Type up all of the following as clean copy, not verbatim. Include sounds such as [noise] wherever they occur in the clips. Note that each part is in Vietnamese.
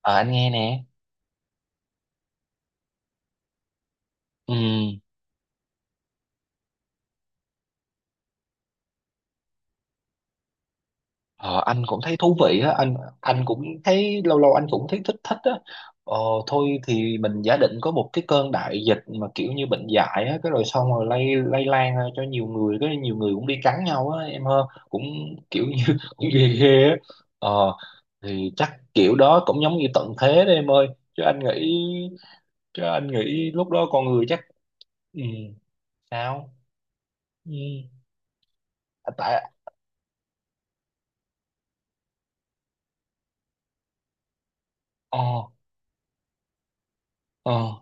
Ờ, anh nghe nè. Ừ. Ờ, anh cũng thấy thú vị á. Anh cũng thấy lâu lâu anh cũng thấy thích thích á. Ờ, Thôi thì mình giả định có một cái cơn đại dịch mà kiểu như bệnh dại á, cái rồi xong rồi lây lây lan ra cho nhiều người, cái nhiều người cũng đi cắn nhau á em hơn, cũng kiểu như [laughs] cũng ghê ghê á. Ờ, thì chắc kiểu đó cũng giống như tận thế đấy em ơi. Chứ anh nghĩ chứ anh nghĩ lúc đó con người chắc ừ, sao? Ừ. Tại ờ ờ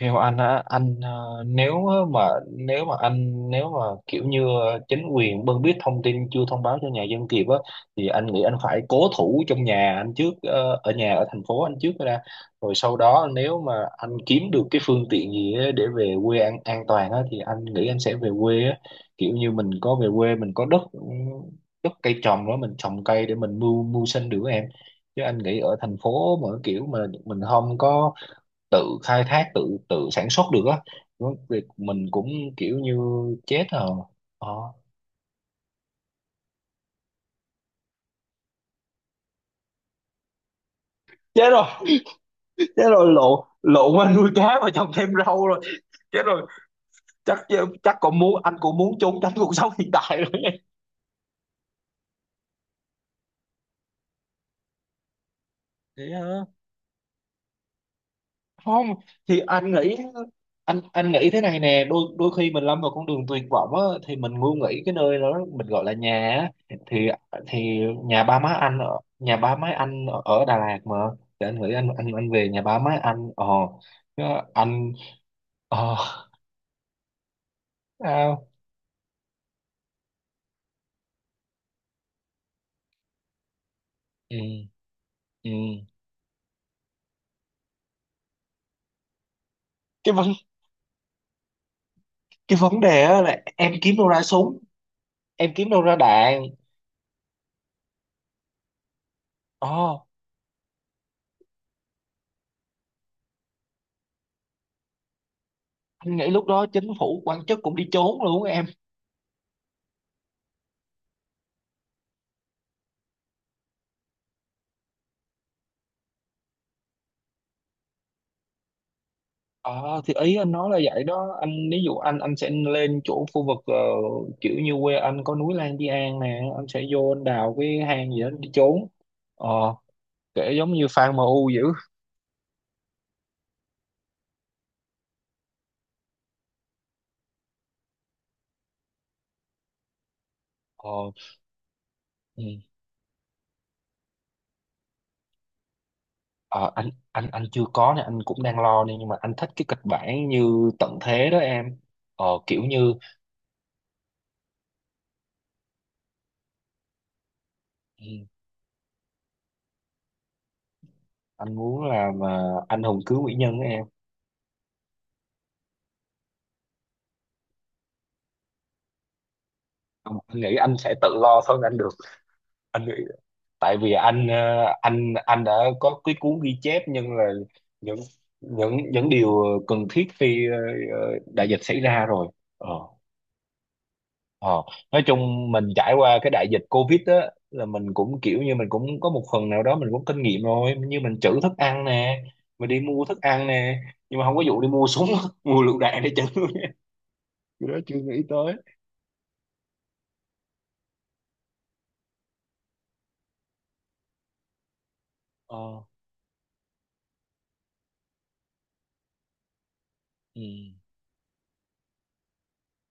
theo anh á, nếu mà kiểu như chính quyền biết thông tin chưa thông báo cho nhà dân kịp á, thì anh nghĩ anh phải cố thủ trong nhà anh trước, ở nhà ở thành phố anh trước ra, rồi sau đó nếu mà anh kiếm được cái phương tiện gì á để về quê an toàn á thì anh nghĩ anh sẽ về quê á. Kiểu như mình có về quê mình có đất, ừ, đất cây trồng đó mình trồng cây để mình mưu mưu sinh được á em. Chứ anh nghĩ ở thành phố mà kiểu mà mình không có tự khai thác, tự tự sản xuất được á. Việc mình cũng kiểu như chết rồi. Ờ chết rồi chết rồi lộn, qua nuôi cá và trồng thêm rau rồi. Chết rồi. Chắc chắc còn muốn, anh cũng muốn trốn tránh cuộc sống hiện tại rồi. Thế á. Không, thì anh nghĩ, anh nghĩ thế này nè, đôi đôi khi mình lâm vào con đường tuyệt vọng á, thì mình ngu nghĩ cái nơi đó mình gọi là nhà á. Thì thì nhà ba má anh ở ở Đà Lạt mà, thì anh nghĩ anh về nhà ba má anh. Ờ Chứ anh ờ sao. Ừ, ừ. cái vấn cái vấn đề á là em kiếm đâu ra súng, em kiếm đâu ra đạn. ờ anh nghĩ lúc đó chính phủ quan chức cũng đi trốn luôn em. Ờ thì ý anh nói là vậy đó anh, ví dụ anh sẽ lên chỗ khu vực, kiểu như quê anh có núi Lan Di An nè, anh sẽ vô anh đào cái hang gì đó để trốn. ờ Kể giống như fan MU dữ. Ờ, ừ. Anh chưa có nè, anh cũng đang lo nè, nhưng mà anh thích cái kịch bản như tận thế đó em. Kiểu như, ừ, anh muốn làm mà anh hùng cứu mỹ nhân đó em. Anh nghĩ anh sẽ tự lo thôi anh được. Anh nghĩ tại vì anh, anh đã có cái cuốn ghi chép, nhưng là những những điều cần thiết khi, đại dịch xảy ra rồi. ờ ờ nói chung mình trải qua cái đại dịch Covid á, là mình cũng kiểu như mình cũng có một phần nào đó mình cũng kinh nghiệm rồi, như mình trữ thức ăn nè, mình đi mua thức ăn nè, nhưng mà không có vụ đi mua súng [laughs] mua lựu đạn để trữ. [laughs] Cái đó chưa nghĩ tới. ờ ừ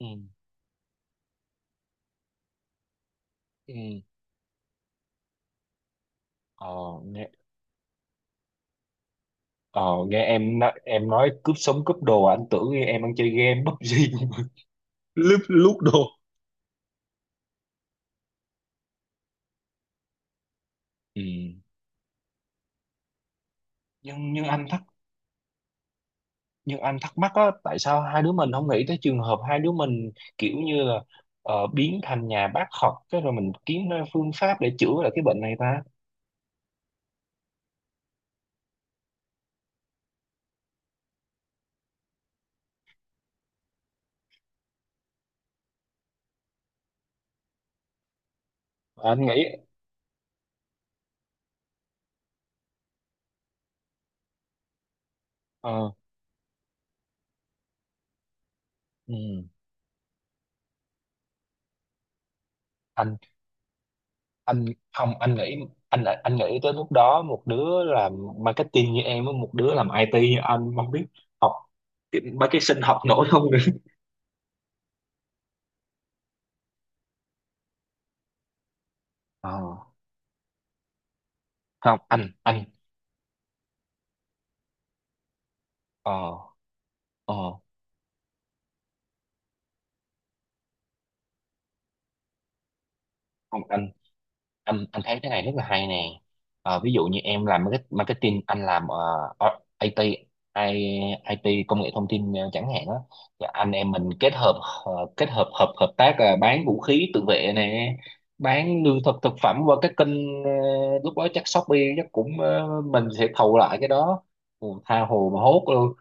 ừ ừ ờ Ờ, nghe em nói cướp sống cướp đồ, à, anh tưởng em đang chơi game PUBG. [laughs] lúc Lúc đồ. Ừ. nhưng nhưng anh thắc nhưng anh thắc mắc á, tại sao hai đứa mình không nghĩ tới trường hợp hai đứa mình kiểu như là, biến thành nhà bác học, cái rồi mình kiếm ra phương pháp để chữa lại cái bệnh này ta. Anh nghĩ, ờ, ừ. anh anh Không anh nghĩ, anh nghĩ tới lúc đó, một đứa làm marketing như em với một đứa làm IT như anh, không biết học cái- mấy cái sinh học nổi không nữa. Ờ. không anh anh ờ ờ Không, anh thấy cái này rất là hay nè. Ờ, ví dụ như em làm marketing, anh làm, ờ, ờ, IT I, IT công nghệ thông tin, chẳng hạn á. Thì anh em mình kết hợp, kết hợp, hợp hợp tác là bán vũ khí tự vệ nè, bán lương thực thực phẩm qua các kênh, lúc đó chắc Shopee chắc cũng, ờ, mình sẽ thầu lại cái đó. Ồ, tha hồ mà hốt luôn.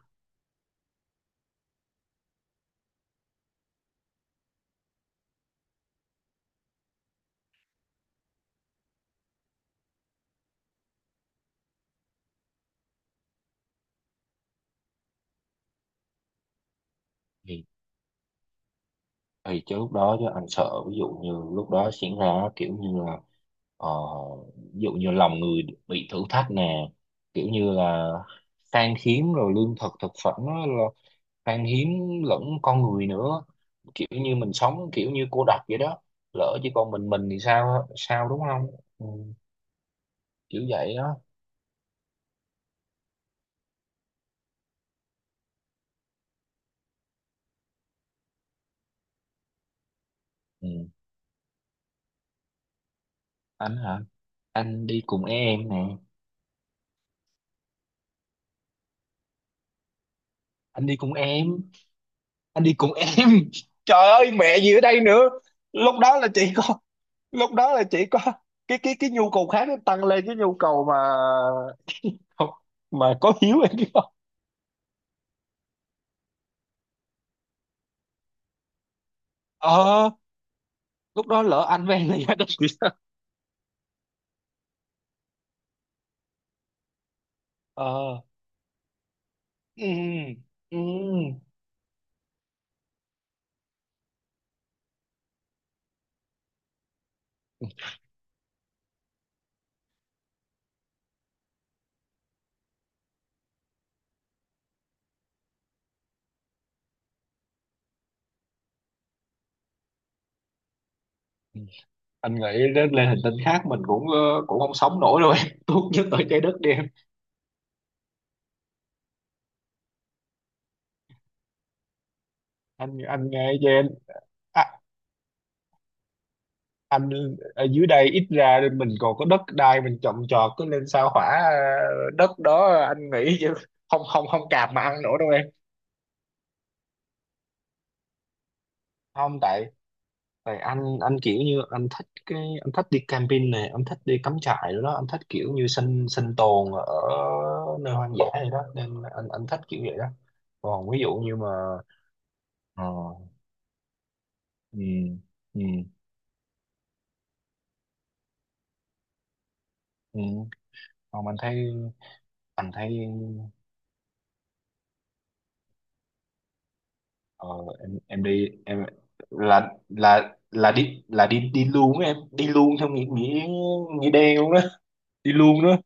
Thì chứ lúc đó chứ anh sợ, ví dụ như lúc đó diễn ra kiểu như là, ờ, ví dụ như lòng người bị thử thách nè, kiểu như là khan hiếm rồi, lương thực thực phẩm nó là khan hiếm, lẫn con người nữa, kiểu như mình sống kiểu như cô độc vậy đó, lỡ chỉ còn mình thì sao sao, đúng không. Ừ, kiểu vậy đó. Ừ. Anh hả? Anh đi cùng em nè. Anh đi cùng em. Anh đi cùng em. [laughs] lúc lúc đó, cái mà có Hiếu em biết không. ờ Lúc đó lỡ anh với em là gia đình thì sao. ờ ừ, ừ. Anh nghĩ đến lên hành tinh khác mình cũng, cũng không sống nổi đâu em. [laughs] Tốt nhất ở trái đất đi em. Anh nghe cho em. À, anh ở dưới đây ít ra mình còn có đất đai mình trồng trọt, cứ lên sao hỏa, đất đó anh nghĩ chứ không không không cạp mà ăn nổi đâu em. Không tại, tại anh kiểu như anh thích cái, anh thích đi camping này, anh thích đi cắm trại rồi đó, anh thích kiểu như sinh sinh tồn ở nơi hoang dã này đó, nên anh thích kiểu vậy đó. Còn ví dụ như mà, ờ ừ ừ ừ không anh thấy, anh thấy, ờ em đi em, là đi đi luôn á em, đi luôn theo nghĩa, nghĩa đen luôn đó, đi luôn đó.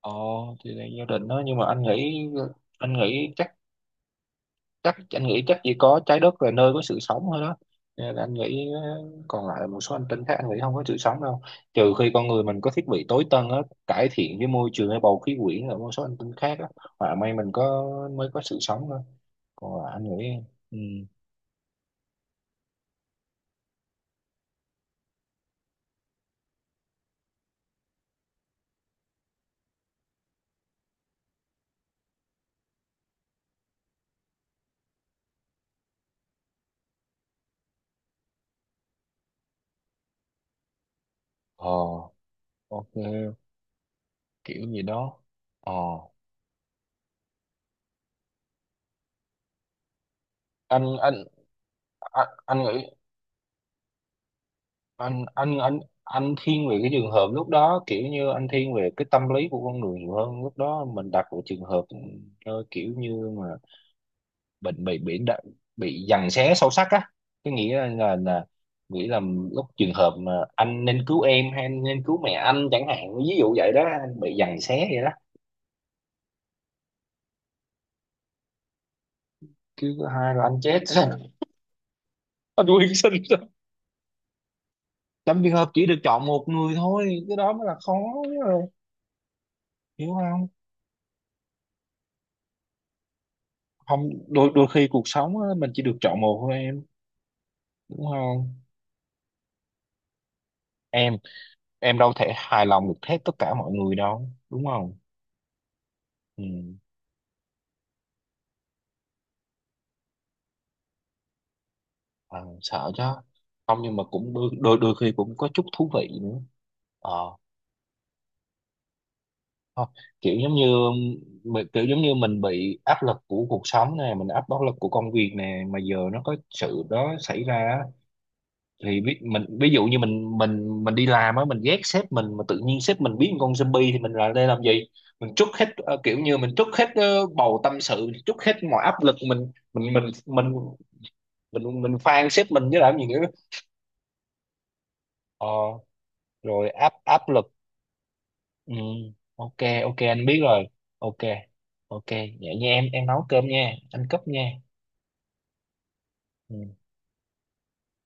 Ờ thì là gia đình đó, nhưng mà anh nghĩ, anh nghĩ chắc chắc anh nghĩ chắc chỉ có trái đất là nơi có sự sống thôi đó. Cho nên là anh nghĩ, còn lại một số hành tinh khác anh nghĩ không có sự sống đâu, trừ khi con người mình có thiết bị tối tân á, cải thiện cái môi trường hay bầu khí quyển ở một số hành tinh khác á, hoặc may mình có, mới có sự sống thôi. Còn lại anh nghĩ, ừ. ờ ok, kiểu gì đó. ờ anh anh anh nghĩ anh anh thiên về cái trường hợp lúc đó, kiểu như anh thiên về cái tâm lý của con người nhiều hơn. Lúc đó mình đặt vào trường hợp, kiểu như mà bệnh bị giằng xé sâu sắc á. Cái nghĩa là, nghĩ là lúc trường hợp mà anh nên cứu em hay anh nên cứu mẹ anh chẳng hạn, ví dụ vậy đó, anh bị giằng xé vậy đó. Cứ thứ hai là anh chết. [laughs] Anh quyên sinh ra. Trong trường hợp chỉ được chọn một người thôi, cái đó mới là khó. Rồi, hiểu không. Không, đôi đôi khi cuộc sống á, mình chỉ được chọn một thôi, đúng không em. Em đâu thể hài lòng được hết tất cả mọi người đâu, đúng không. Ừ. Ờ, sợ chứ. Không nhưng mà cũng đôi, đôi khi cũng có chút thú vị nữa. ờ Thôi, kiểu giống như kiểu giống như mình bị áp lực của cuộc sống nè, mình áp lực của công việc nè, mà giờ nó có sự đó xảy ra á, thì mình ví dụ như mình đi làm á, mình ghét sếp mình mà tự nhiên sếp mình biến con zombie thì mình lại đây làm gì. Mình trút hết, kiểu như mình trút hết, bầu tâm sự, mình trút hết mọi áp lực mình, mình phang sếp mình chứ làm gì nữa. ờ, Rồi áp áp lực. Ừ, ok. Ok anh biết rồi. Ok. Ok vậy nha em nấu cơm nha, anh cấp nha. Ừ.